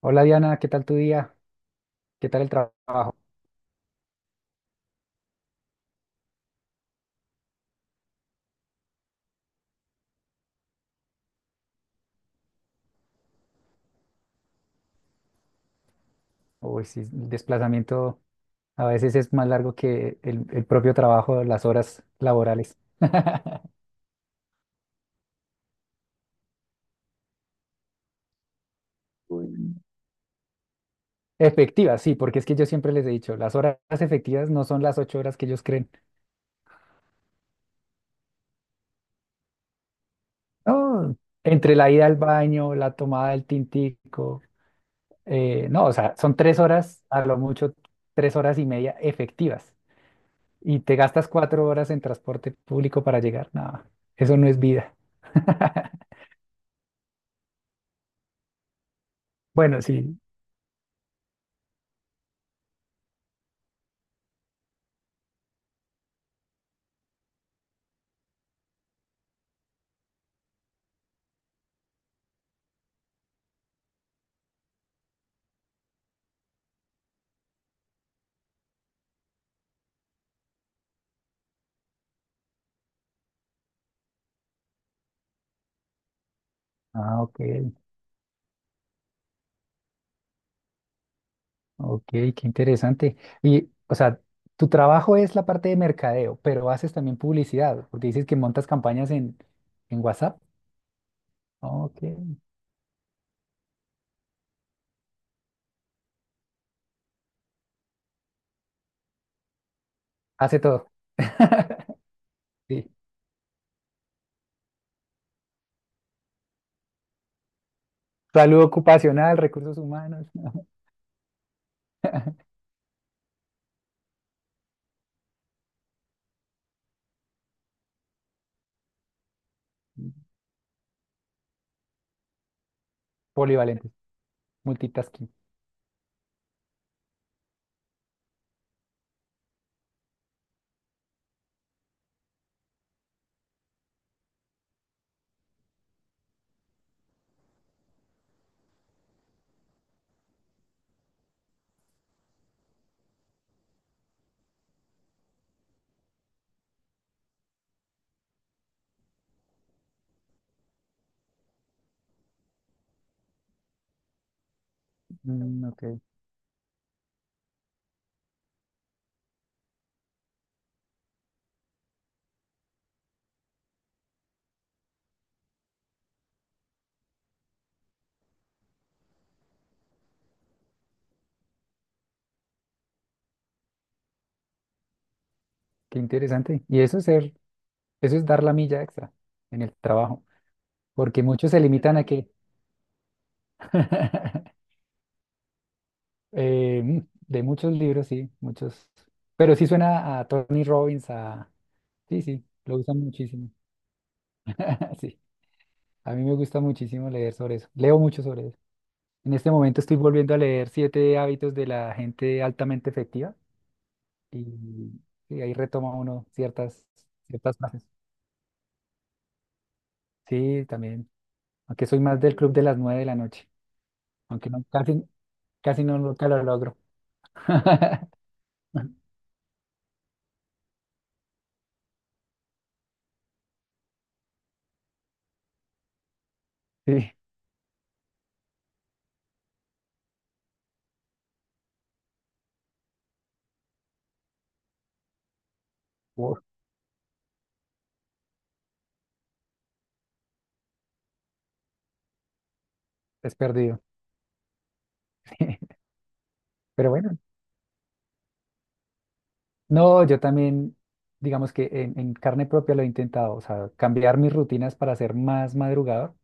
Hola Diana, ¿qué tal tu día? ¿Qué tal el trabajo? Uy, sí, el desplazamiento a veces es más largo que el propio trabajo, las horas laborales. Uy. Efectivas, sí, porque es que yo siempre les he dicho, las horas efectivas no son las 8 horas que ellos creen. No, entre la ida al baño, la tomada del tintico, no, o sea, son 3 horas, a lo mucho 3 horas y media efectivas. Y te gastas 4 horas en transporte público para llegar. No, eso no es vida. Bueno, sí. Ah, ok, ok, qué interesante. Y, o sea, tu trabajo es la parte de mercadeo, pero haces también publicidad, porque dices que montas campañas en WhatsApp. Ah, Ok, hace todo. Sí. Salud ocupacional, recursos humanos, polivalente, multitasking. Mm, ok, qué interesante. Y eso es dar la milla extra en el trabajo, porque muchos se limitan a que Eh, mm, de muchos libros, sí, muchos. Pero sí suena a Tony Robbins, a... Sí, sí, lo usan muchísimo. Sí, a mí me gusta muchísimo leer sobre eso. Leo mucho sobre eso. En este momento estoy volviendo a leer Siete hábitos de la gente altamente efectiva y, y ahí retoma uno ciertas, ciertas frases. Sí, también. Aunque soy más del club de las 9 de la noche, aunque no, casi, casi no, nunca lo logro. Sí, uf, es perdido. Pero bueno. No, yo también, digamos que en carne propia lo he intentado, o sea, cambiar mis rutinas para ser más madrugador,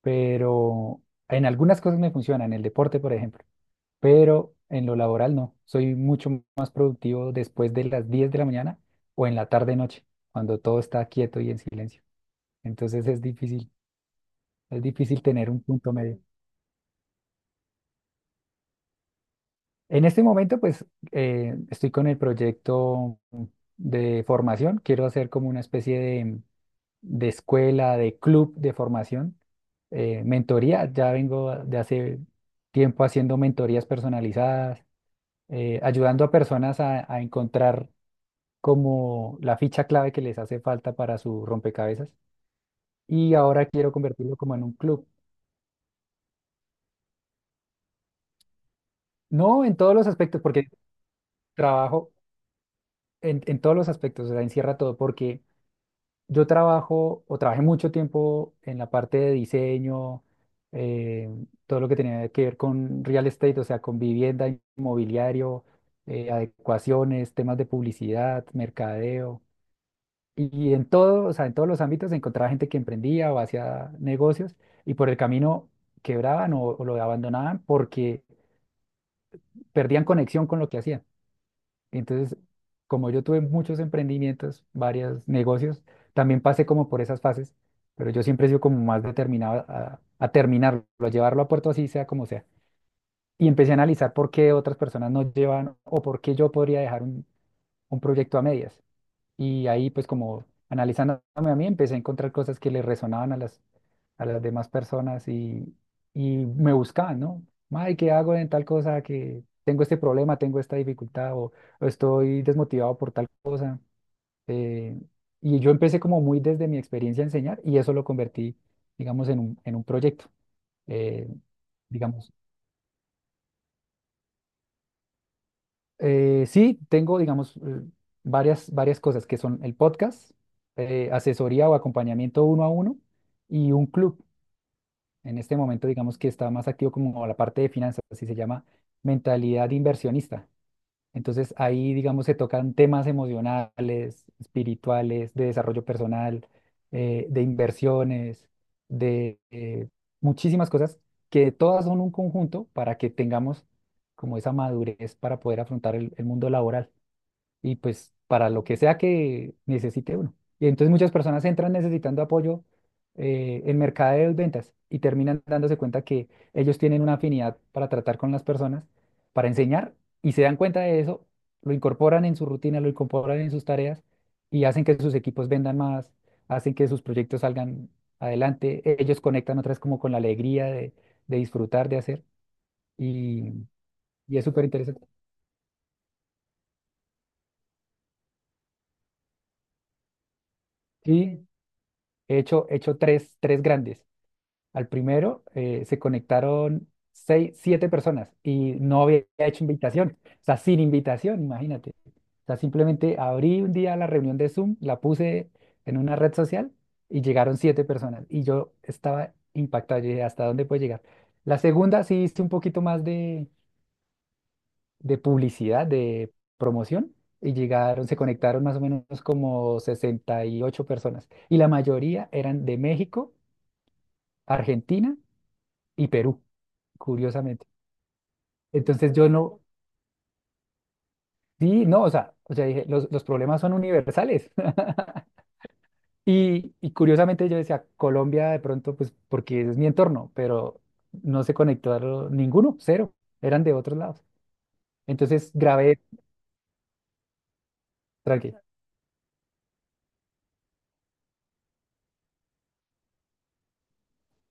pero en algunas cosas me funciona, en el deporte, por ejemplo, pero en lo laboral no. Soy mucho más productivo después de las 10 de la mañana o en la tarde-noche, cuando todo está quieto y en silencio. Entonces es difícil tener un punto medio. En este momento, pues, estoy con el proyecto de formación, quiero hacer como una especie de escuela, de club de formación, mentoría. Ya vengo de hace tiempo haciendo mentorías personalizadas, ayudando a personas a, encontrar como la ficha clave que les hace falta para su rompecabezas. Y ahora quiero convertirlo como en un club. No en todos los aspectos, porque trabajo en, todos los aspectos, o sea, encierra todo, porque yo trabajo o trabajé mucho tiempo en la parte de diseño, eh, todo lo que tenía que ver con real estate, o sea, con vivienda, inmobiliario, adecuaciones, temas de publicidad, mercadeo. Y, en todo, o sea, en todos los ámbitos encontraba gente que emprendía o hacía negocios y por el camino quebraban o, lo abandonaban porque perdían conexión con lo que hacían. Entonces, como yo tuve muchos emprendimientos, varios negocios, también pasé como por esas fases, pero yo siempre he sido como más determinado a, terminarlo, a llevarlo a puerto así sea como sea. Y empecé a analizar por qué otras personas no llevan o por qué yo podría dejar un, proyecto a medias. Y ahí, pues como analizándome a mí, empecé a encontrar cosas que le resonaban a las, demás personas y, me buscaban, ¿no? Ay, ¿qué hago en tal cosa? Que tengo este problema, tengo esta dificultad o, estoy desmotivado por tal cosa. Eh, y yo empecé como muy desde mi experiencia a enseñar y eso lo convertí, digamos, en un, proyecto. Eh, digamos, sí, tengo, digamos, varias, varias cosas que son el podcast, asesoría o acompañamiento uno a uno y un club. En este momento, digamos que está más activo como la parte de finanzas, así se llama mentalidad inversionista. Entonces ahí, digamos, se tocan temas emocionales, espirituales, de desarrollo personal, de inversiones, de muchísimas cosas que todas son un conjunto para que tengamos como esa madurez para poder afrontar el mundo laboral y pues para lo que sea que necesite uno. Y entonces muchas personas entran necesitando apoyo en mercadeos, ventas y terminan dándose cuenta que ellos tienen una afinidad para tratar con las personas, para enseñar y se dan cuenta de eso, lo incorporan en su rutina, lo incorporan en sus tareas y hacen que sus equipos vendan más, hacen que sus proyectos salgan adelante. Ellos conectan otras como con la alegría de, disfrutar, de hacer y, es súper interesante. Y he hecho tres, tres grandes. Al primero se conectaron seis, siete personas y no había hecho invitación, o sea, sin invitación, imagínate. O sea, simplemente abrí un día la reunión de Zoom, la puse en una red social y llegaron siete personas y yo estaba impactado, yo dije, ¿hasta dónde puede llegar? La segunda sí hice un poquito más de, publicidad, de promoción y llegaron, se conectaron más o menos como 68 personas y la mayoría eran de México, Argentina y Perú curiosamente. Entonces yo no, sí, no, o sea, dije, los problemas son universales. Y, curiosamente yo decía, Colombia de pronto, pues porque es mi entorno, pero no se conectó ninguno, cero, eran de otros lados. Entonces grabé, tranqui,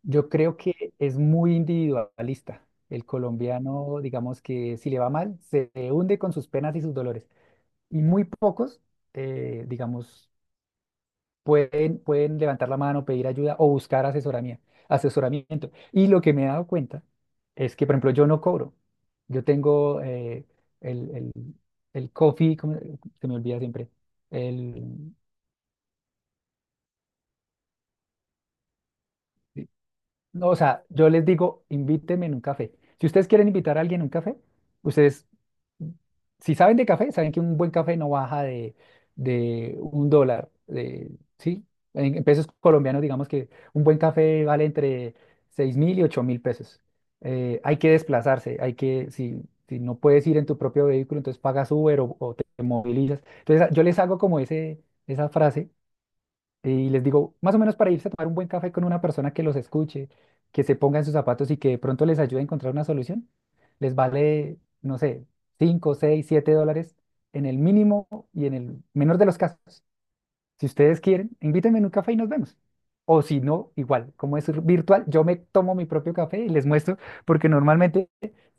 yo creo que es muy individualista. El colombiano, digamos que si le va mal, se hunde con sus penas y sus dolores. Y muy pocos, digamos, pueden levantar la mano, pedir ayuda o buscar asesoramiento, asesoramiento. Y lo que me he dado cuenta es que, por ejemplo, yo no cobro. Yo tengo el, el, el coffee, ¿cómo se me olvida siempre? El, No, o sea, yo les digo, invítenme en un café. Si ustedes quieren invitar a alguien a un café, ustedes, si saben de café, saben que un buen café no baja de, un dólar, ¿sí? En pesos colombianos, digamos que un buen café vale entre 6.000 y 8.000 pesos. Hay que desplazarse, si no puedes ir en tu propio vehículo, entonces pagas Uber o, te movilizas. Entonces, yo les hago como ese, esa frase y les digo, más o menos para irse a tomar un buen café con una persona que los escuche, que se ponga en sus zapatos y que de pronto les ayude a encontrar una solución, les vale, no sé, 5 6 7 dólares en el mínimo y en el menor de los casos. Si ustedes quieren, invítenme en un café y nos vemos. O si no, igual, como es virtual, yo me tomo mi propio café y les muestro, porque normalmente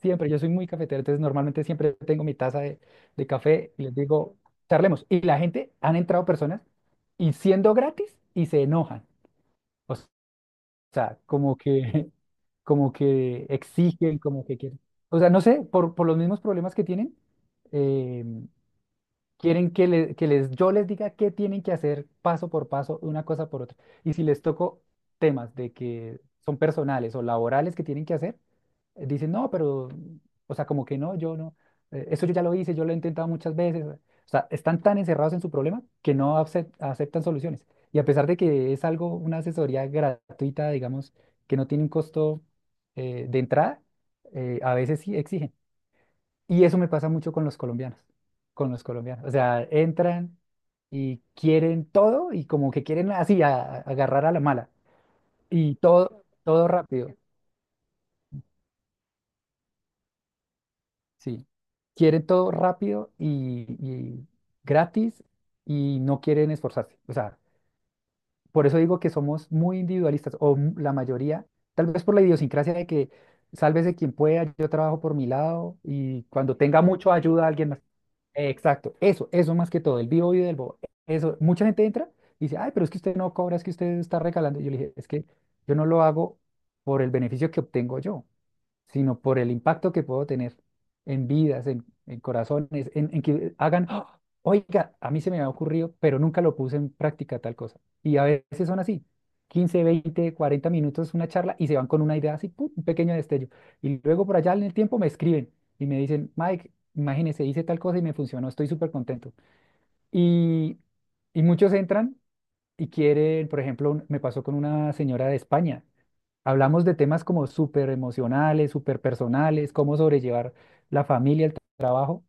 siempre, yo soy muy cafetero, entonces normalmente siempre tengo mi taza de, café y les digo, charlemos. Y la gente, han entrado personas y siendo gratis y se enojan. O sea, como que, como que exigen, como que quieren. O sea, no sé, por los mismos problemas que tienen. eh, Quieren que, yo les diga qué tienen que hacer paso por paso, una cosa por otra. Y si les toco temas de que son personales o laborales que tienen que hacer, dicen, no, pero, o sea, como que no, yo no, eso yo ya lo hice, yo lo he intentado muchas veces. O sea, están tan encerrados en su problema que no aceptan soluciones. Y a pesar de que es algo, una asesoría gratuita, digamos, que no tiene un costo de entrada, a veces sí exigen. Y eso me pasa mucho con los colombianos, con los colombianos. O sea, entran y quieren todo y como que quieren así agarrar a la mala. Y todo, todo rápido, sí. Quieren todo rápido y, gratis y no quieren esforzarse. O sea, por eso digo que somos muy individualistas o la mayoría, tal vez por la idiosincrasia de que sálvese quien pueda, yo trabajo por mi lado y cuando tenga mucho ayuda a alguien más. Exacto, eso más que todo, el vivo y del bobo. Eso, mucha gente entra y dice, ay, pero es que usted no cobra, es que usted está regalando. Y yo le dije, es que yo no lo hago por el beneficio que obtengo yo sino por el impacto que puedo tener en vidas, en corazones, en que hagan, "Ah, oiga, a mí se me había ocurrido, pero nunca lo puse en práctica tal cosa." Y a veces son así, 15, 20, 40 minutos una charla y se van con una idea así, ¡pum! Un pequeño destello. Y luego por allá en el tiempo me escriben y me dicen, Mike, imagínese, hice tal cosa y me funcionó, estoy súper contento. Y, muchos entran y quieren, por ejemplo, me pasó con una señora de España. Hablamos de temas como súper emocionales, súper personales, cómo sobrellevar la familia, el trabajo.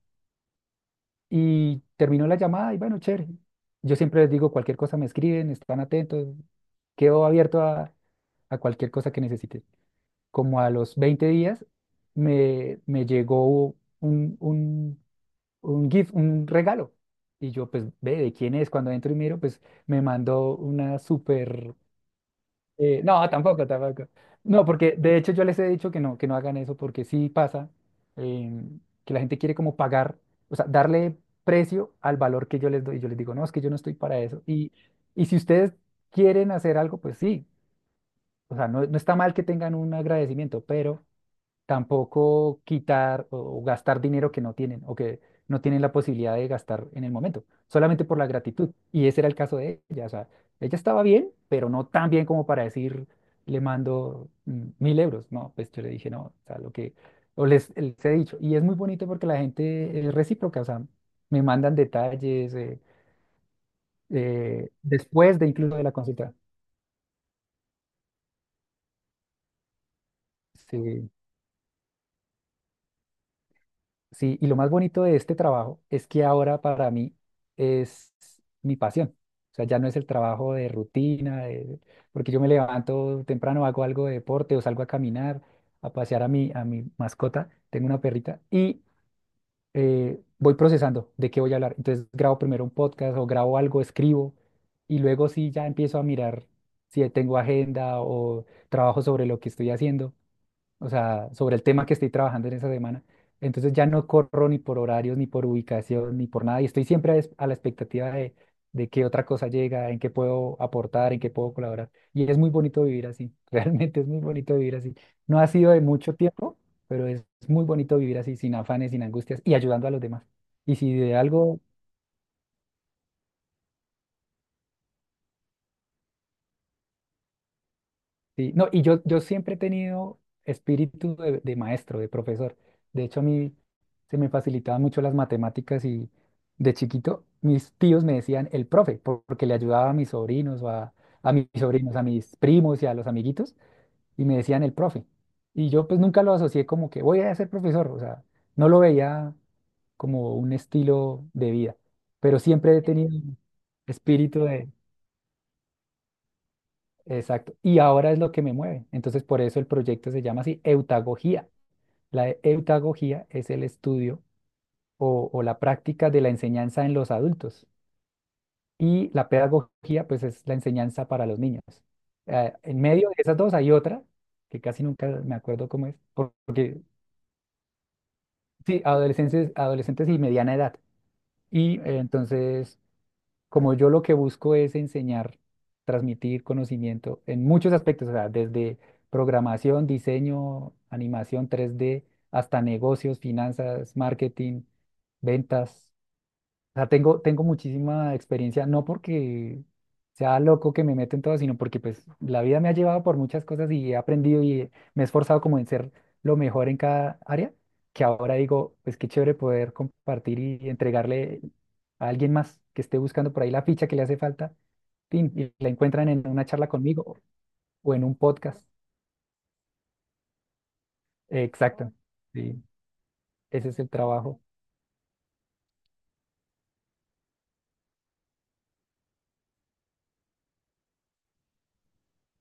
Y terminó la llamada y bueno, chévere. Yo siempre les digo, cualquier cosa me escriben, están atentos. Quedo abierto a, cualquier cosa que necesiten. Como a los 20 días me llegó un, un, un gift, un regalo. Y yo pues ve de quién es. Cuando entro y miro, pues me mandó una súper no, tampoco, tampoco. No, porque de hecho yo les he dicho que no hagan eso, porque sí pasa que la gente quiere como pagar, o sea, darle precio al valor que yo les doy. Yo les digo, no, es que yo no estoy para eso. Y si ustedes quieren hacer algo, pues sí, o sea, no, no está mal que tengan un agradecimiento, pero tampoco quitar o gastar dinero que no tienen o que no tienen la posibilidad de gastar en el momento, solamente por la gratitud. Y ese era el caso de ella. O sea, ella estaba bien, pero no tan bien como para decir, le mando 1.000 euros. No, pues yo le dije, no, o sea, lo que, o les he dicho. Y es muy bonito porque la gente es recíproca, o sea, me mandan detalles después de incluso de la consulta. Sí. Sí, y lo más bonito de este trabajo es que ahora para mí es mi pasión. O sea, ya no es el trabajo de rutina, de- porque yo me levanto temprano, hago algo de deporte o salgo a caminar, a pasear a a mi mascota. Tengo una perrita y voy procesando de qué voy a hablar. Entonces grabo primero un podcast o grabo algo, escribo y luego sí ya empiezo a mirar si tengo agenda o trabajo sobre lo que estoy haciendo, o sea, sobre el tema que estoy trabajando en esa semana. Entonces ya no corro ni por horarios, ni por ubicación, ni por nada. Y estoy siempre a, es- a la expectativa de qué otra cosa llega, en qué puedo aportar, en qué puedo colaborar. Y es muy bonito vivir así, realmente es muy bonito vivir así. No ha sido de mucho tiempo, pero es muy bonito vivir así, sin afanes, sin angustias y ayudando a los demás. Y si de algo sí, no, y yo siempre he tenido espíritu de maestro, de profesor. De hecho, a mí se me facilitaban mucho las matemáticas y de chiquito mis tíos me decían el profe, por- porque le ayudaba a mis sobrinos a mis sobrinos, a mis primos y a los amiguitos, y me decían el profe. Y yo pues nunca lo asocié como que voy a ser profesor, o sea, no lo veía como un estilo de vida, pero siempre he tenido espíritu de, exacto. Y ahora es lo que me mueve. Entonces, por eso el proyecto se llama así, eutagogía. La e- eutagogía es el estudio o la práctica de la enseñanza en los adultos. Y la pedagogía, pues, es la enseñanza para los niños. En medio de esas dos hay otra, que casi nunca me acuerdo cómo es, por- porque sí, adolescentes, adolescentes y mediana edad. Y entonces como yo lo que busco es enseñar, transmitir conocimiento en muchos aspectos, o sea, desde programación, diseño, animación 3D, hasta negocios, finanzas, marketing, ventas. O sea, tengo muchísima experiencia, no porque sea loco que me meto en todo, sino porque pues la vida me ha llevado por muchas cosas y he aprendido y me he esforzado como en ser lo mejor en cada área, que ahora digo, pues qué chévere poder compartir y entregarle a alguien más que esté buscando por ahí la ficha que le hace falta, fin, y la encuentran en una charla conmigo o en un podcast. Exacto. Sí, ese es el trabajo.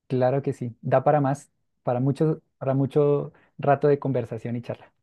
Claro que sí. Da para más, para mucho rato de conversación y charla.